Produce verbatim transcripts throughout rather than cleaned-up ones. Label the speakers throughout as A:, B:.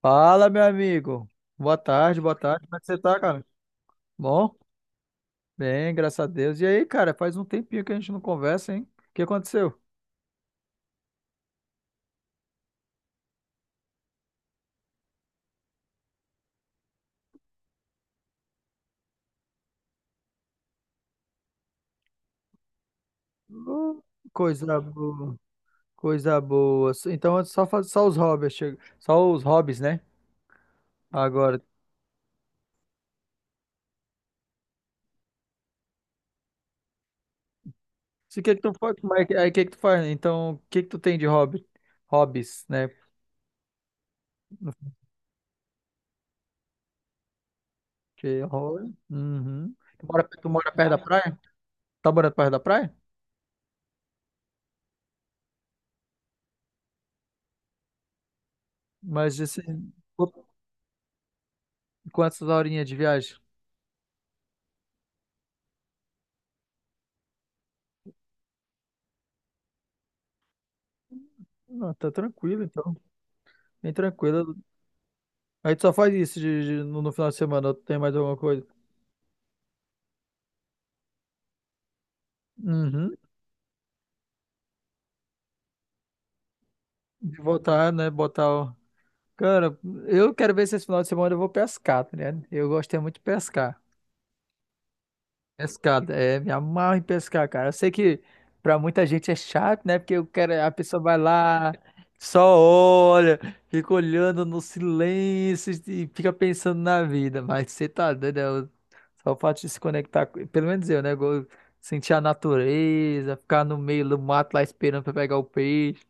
A: Fala, meu amigo. Boa tarde, boa tarde. Como é que você tá, cara? Bom? Bem, graças a Deus. E aí, cara, faz um tempinho que a gente não conversa, hein? O que aconteceu? Ô, coisa boa, coisa boa. Então, só faz só os hobbies, chega- só os hobbies, né? Agora, se que que tu faz, mas aí que que tu faz? Então, o que que tu tem de hobby? Hobbies, né? Porque hobby. Uhum. Tu mora, tu mora perto da praia? Tá morando perto da praia? Mas assim, quantas horinhas de viagem? Não, tá tranquilo, então. Bem tranquilo. Aí tu só faz isso de- de- no, no final de semana, ou tu tem mais alguma coisa? Uhum. De voltar, né? Botar o. Cara, eu quero ver se esse final de semana eu vou pescar, tá ligado? Eu gosto é muito de pescar. Pescado, é, me amarro em pescar, cara. Eu sei que pra muita gente é chato, né? Porque o cara, a pessoa vai lá, só olha, fica olhando no silêncio e fica pensando na vida. Mas você tá doido, é o- só o fato de se conectar, com- pelo menos eu, né? go- Sentir a natureza, ficar no meio do mato lá esperando pra pegar o peixe.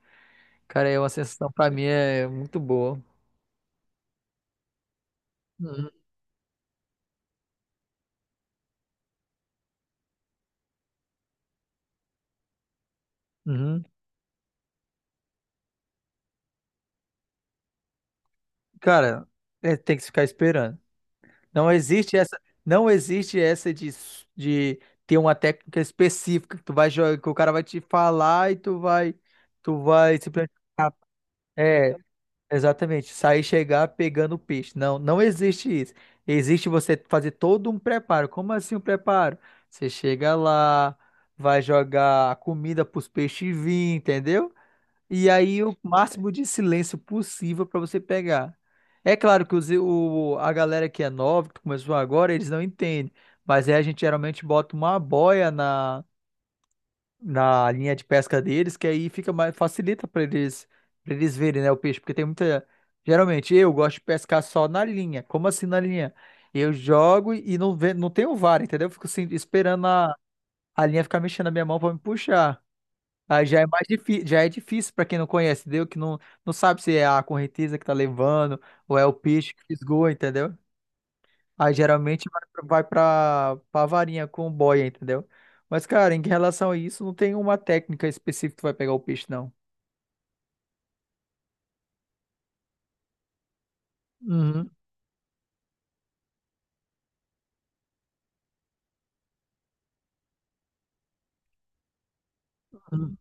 A: Cara, é uma sensação pra mim é muito boa. Uhum. Uhum. Cara, é, tem que ficar esperando. Não existe essa, não existe essa de, s- de ter uma técnica específica que tu vai jogar, que o cara vai te falar e tu vai, tu vai simplesmente. É, exatamente. Sair e chegar pegando o peixe. Não, não existe isso. Existe você fazer todo um preparo. Como assim um preparo? Você chega lá, vai jogar a comida para os peixes vir, entendeu? E aí o máximo de silêncio possível para você pegar. É claro que os, o, a galera que é nova, que começou agora, eles não entendem. Mas aí a gente geralmente bota uma boia na, na linha de pesca deles, que aí fica mais, facilita para eles, para eles verem, né, o peixe, porque tem muita. Geralmente eu gosto de pescar só na linha. Como assim na linha? Eu jogo e não, ve, não tenho vara, entendeu? Eu fico assim, esperando a, a linha ficar mexendo na minha mão para me puxar. Aí já é mais difícil, já é difícil para quem não conhece, entendeu? Que não, não sabe se é a correnteza que tá levando ou é o peixe que fisgou, entendeu? Aí geralmente vai pra, vai pra, pra varinha com boia, entendeu? Mas, cara, em relação a isso, não tem uma técnica específica que vai pegar o peixe, não. Uhum, uhum.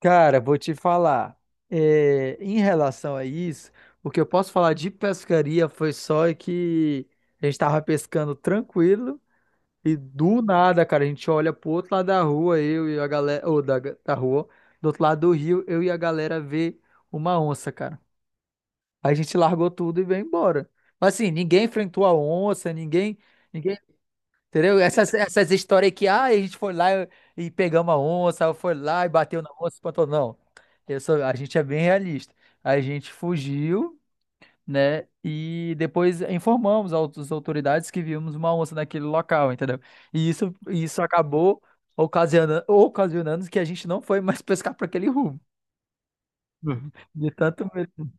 A: Cara, vou te falar. É, em relação a isso, o que eu posso falar de pescaria foi só que a gente tava pescando tranquilo. E do nada, cara, a gente olha pro outro lado da rua, eu e a galera, ou da, da rua, do outro lado do rio, eu e a galera vê uma onça, cara. Aí a gente largou tudo e veio embora. Mas assim, ninguém enfrentou a onça, ninguém, ninguém, entendeu? Essas, essas histórias que, ah, a gente foi lá e, e pegamos a onça, ou foi lá e bateu na onça, espantou. Não, eu sou- a gente é bem realista. A gente fugiu, né? E depois informamos ao- as autoridades que vimos uma onça naquele local, entendeu? E isso, isso acabou ocasionando, ocasionando que a gente não foi mais pescar para aquele rumo. De tanto medo.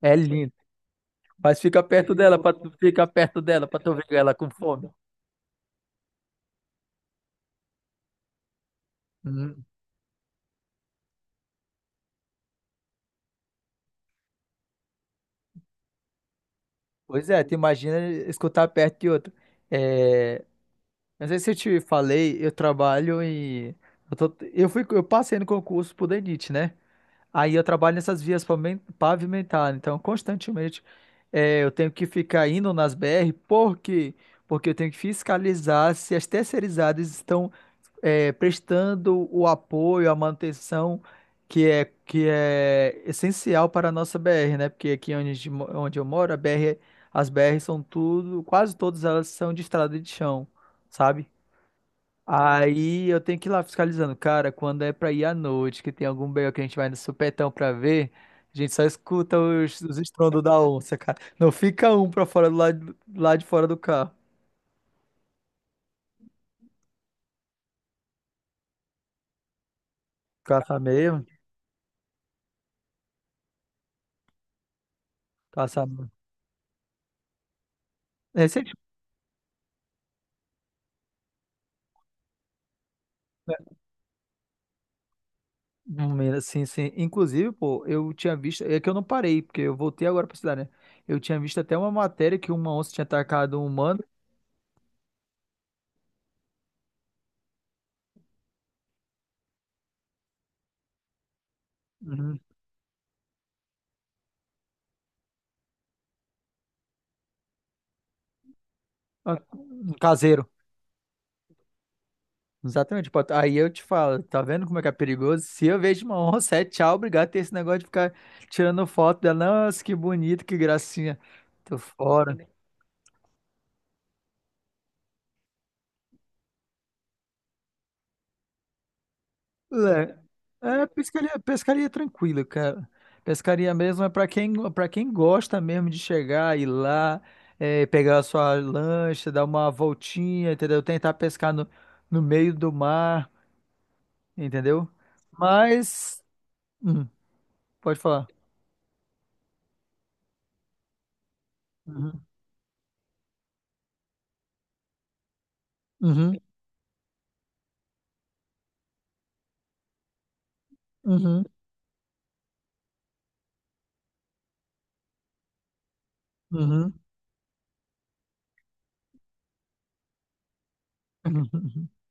A: É lindo. Mas fica perto dela para tu fica perto dela para tu ver ela com fome. Hum. Pois é, tu imagina escutar perto de outro. É, não sei se eu te falei, eu trabalho e eu, tô- eu fui, eu passei no concurso pro DENIT, né? Aí eu trabalho nessas vias pavimen- pavimentadas, então constantemente eh, eu tenho que ficar indo nas B R, por quê? Porque eu tenho que fiscalizar se as terceirizadas estão eh, prestando o apoio, a manutenção que é, que é essencial para a nossa B R, né? Porque aqui onde, a gente mo- onde eu moro, a B R, as B R são tudo, quase todas elas são de estrada de chão, sabe? Aí eu tenho que ir lá fiscalizando. Cara, quando é pra ir à noite, que tem algum B O que a gente vai no supetão pra ver, a gente só escuta os, os estrondos da onça, cara. Não fica um pra fora do lado, lá de fora do carro. Caça mesmo, caça mesmo. É, você- Menina, sim, sim. Inclusive, pô, eu tinha visto. É que eu não parei, porque eu voltei agora pra cidade, né? Eu tinha visto até uma matéria que uma onça tinha atacado um humano. Uhum. Ah, um caseiro. Exatamente. Pô, aí eu te falo, tá vendo como é que é perigoso? Se eu vejo uma onça, é tchau, obrigado. Ter esse negócio de ficar tirando foto dela. Nossa, que bonito, que gracinha. Tô fora. É, é pescaria, pescaria tranquila, cara. Pescaria mesmo é pra quem, para quem gosta mesmo de chegar, ir lá, é, pegar a sua lancha, dar uma voltinha, entendeu? Tentar pescar no, no meio do mar, entendeu? Mas, hum, pode falar. Uhum, uhum, uhum, uhum.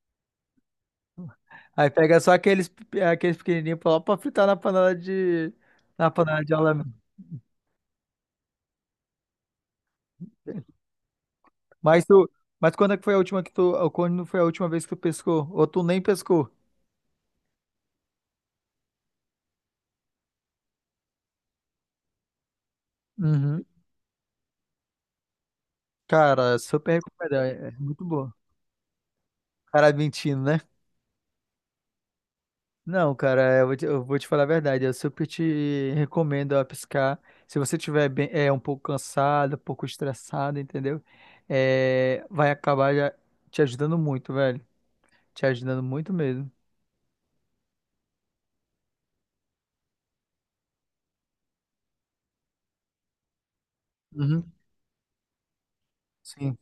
A: Aí pega só aqueles, aqueles pequenininhos pra pra fritar na panela de, na panela de alamento. Mas tu, mas quando é que foi a última que tu, quando foi a última vez que tu pescou? Ou tu nem pescou? Uhum. Cara, super recomendado, é é muito bom. Cara mentindo, né? Não, cara, eu vou te, eu vou te falar a verdade, eu super te recomendo a pescar. Se você estiver bem, é, um pouco cansado, um pouco estressado, entendeu? É, vai acabar já te ajudando muito, velho. Te ajudando muito mesmo. Uhum. Sim.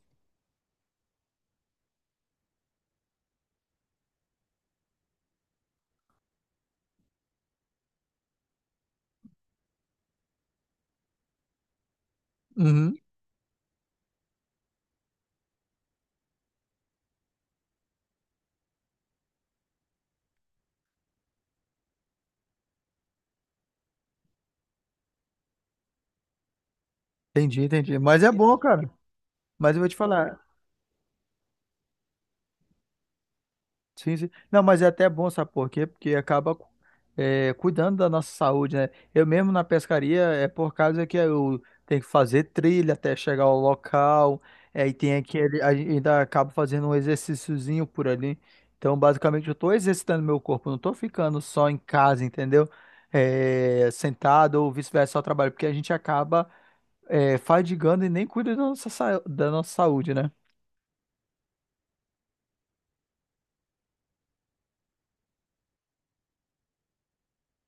A: Uhum, entendi, entendi. Mas é bom, cara. Mas eu vou te falar. Sim, sim. Não, mas é até bom, sabe por quê? Porque acaba é, cuidando da nossa saúde, né? Eu mesmo na pescaria é por causa que eu tenho que fazer trilha até chegar ao local. É, e tem aquele. Aí ainda acabo fazendo um exercíciozinho por ali. Então, basicamente, eu tô exercitando meu corpo, não tô ficando só em casa, entendeu? É, sentado ou vice-versa, só trabalho, porque a gente acaba é, fadigando e nem cuida da nossa, sa- da nossa saúde, né?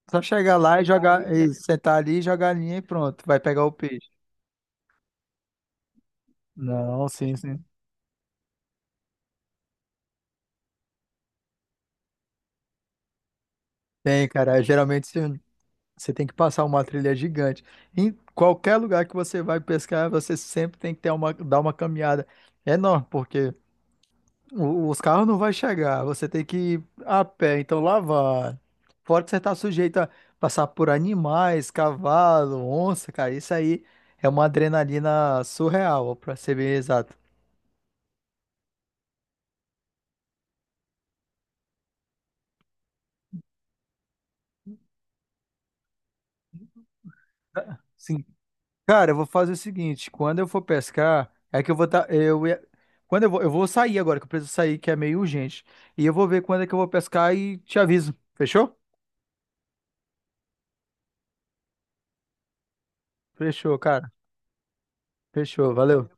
A: Só chegar lá e jogar, e sentar ali, jogar a linha e pronto, vai pegar o peixe. Não, sim, sim. Tem, cara. É, geralmente você você tem que passar uma trilha gigante. Em qualquer lugar que você vai pescar, você sempre tem que ter uma, dar uma caminhada enorme, porque o- os carros não vão chegar. Você tem que ir a pé, então lá vai. Fora que você está sujeito a passar por animais, cavalo, onça, cara. Isso aí é uma adrenalina surreal, para ser bem exato. Cara, eu vou fazer o seguinte, quando eu for pescar, é que eu vou tá, eu ia- quando eu vou, eu vou sair agora, que eu preciso sair, que é meio urgente. E eu vou ver quando é que eu vou pescar e te aviso. Fechou? Fechou, cara. Fechou. Valeu.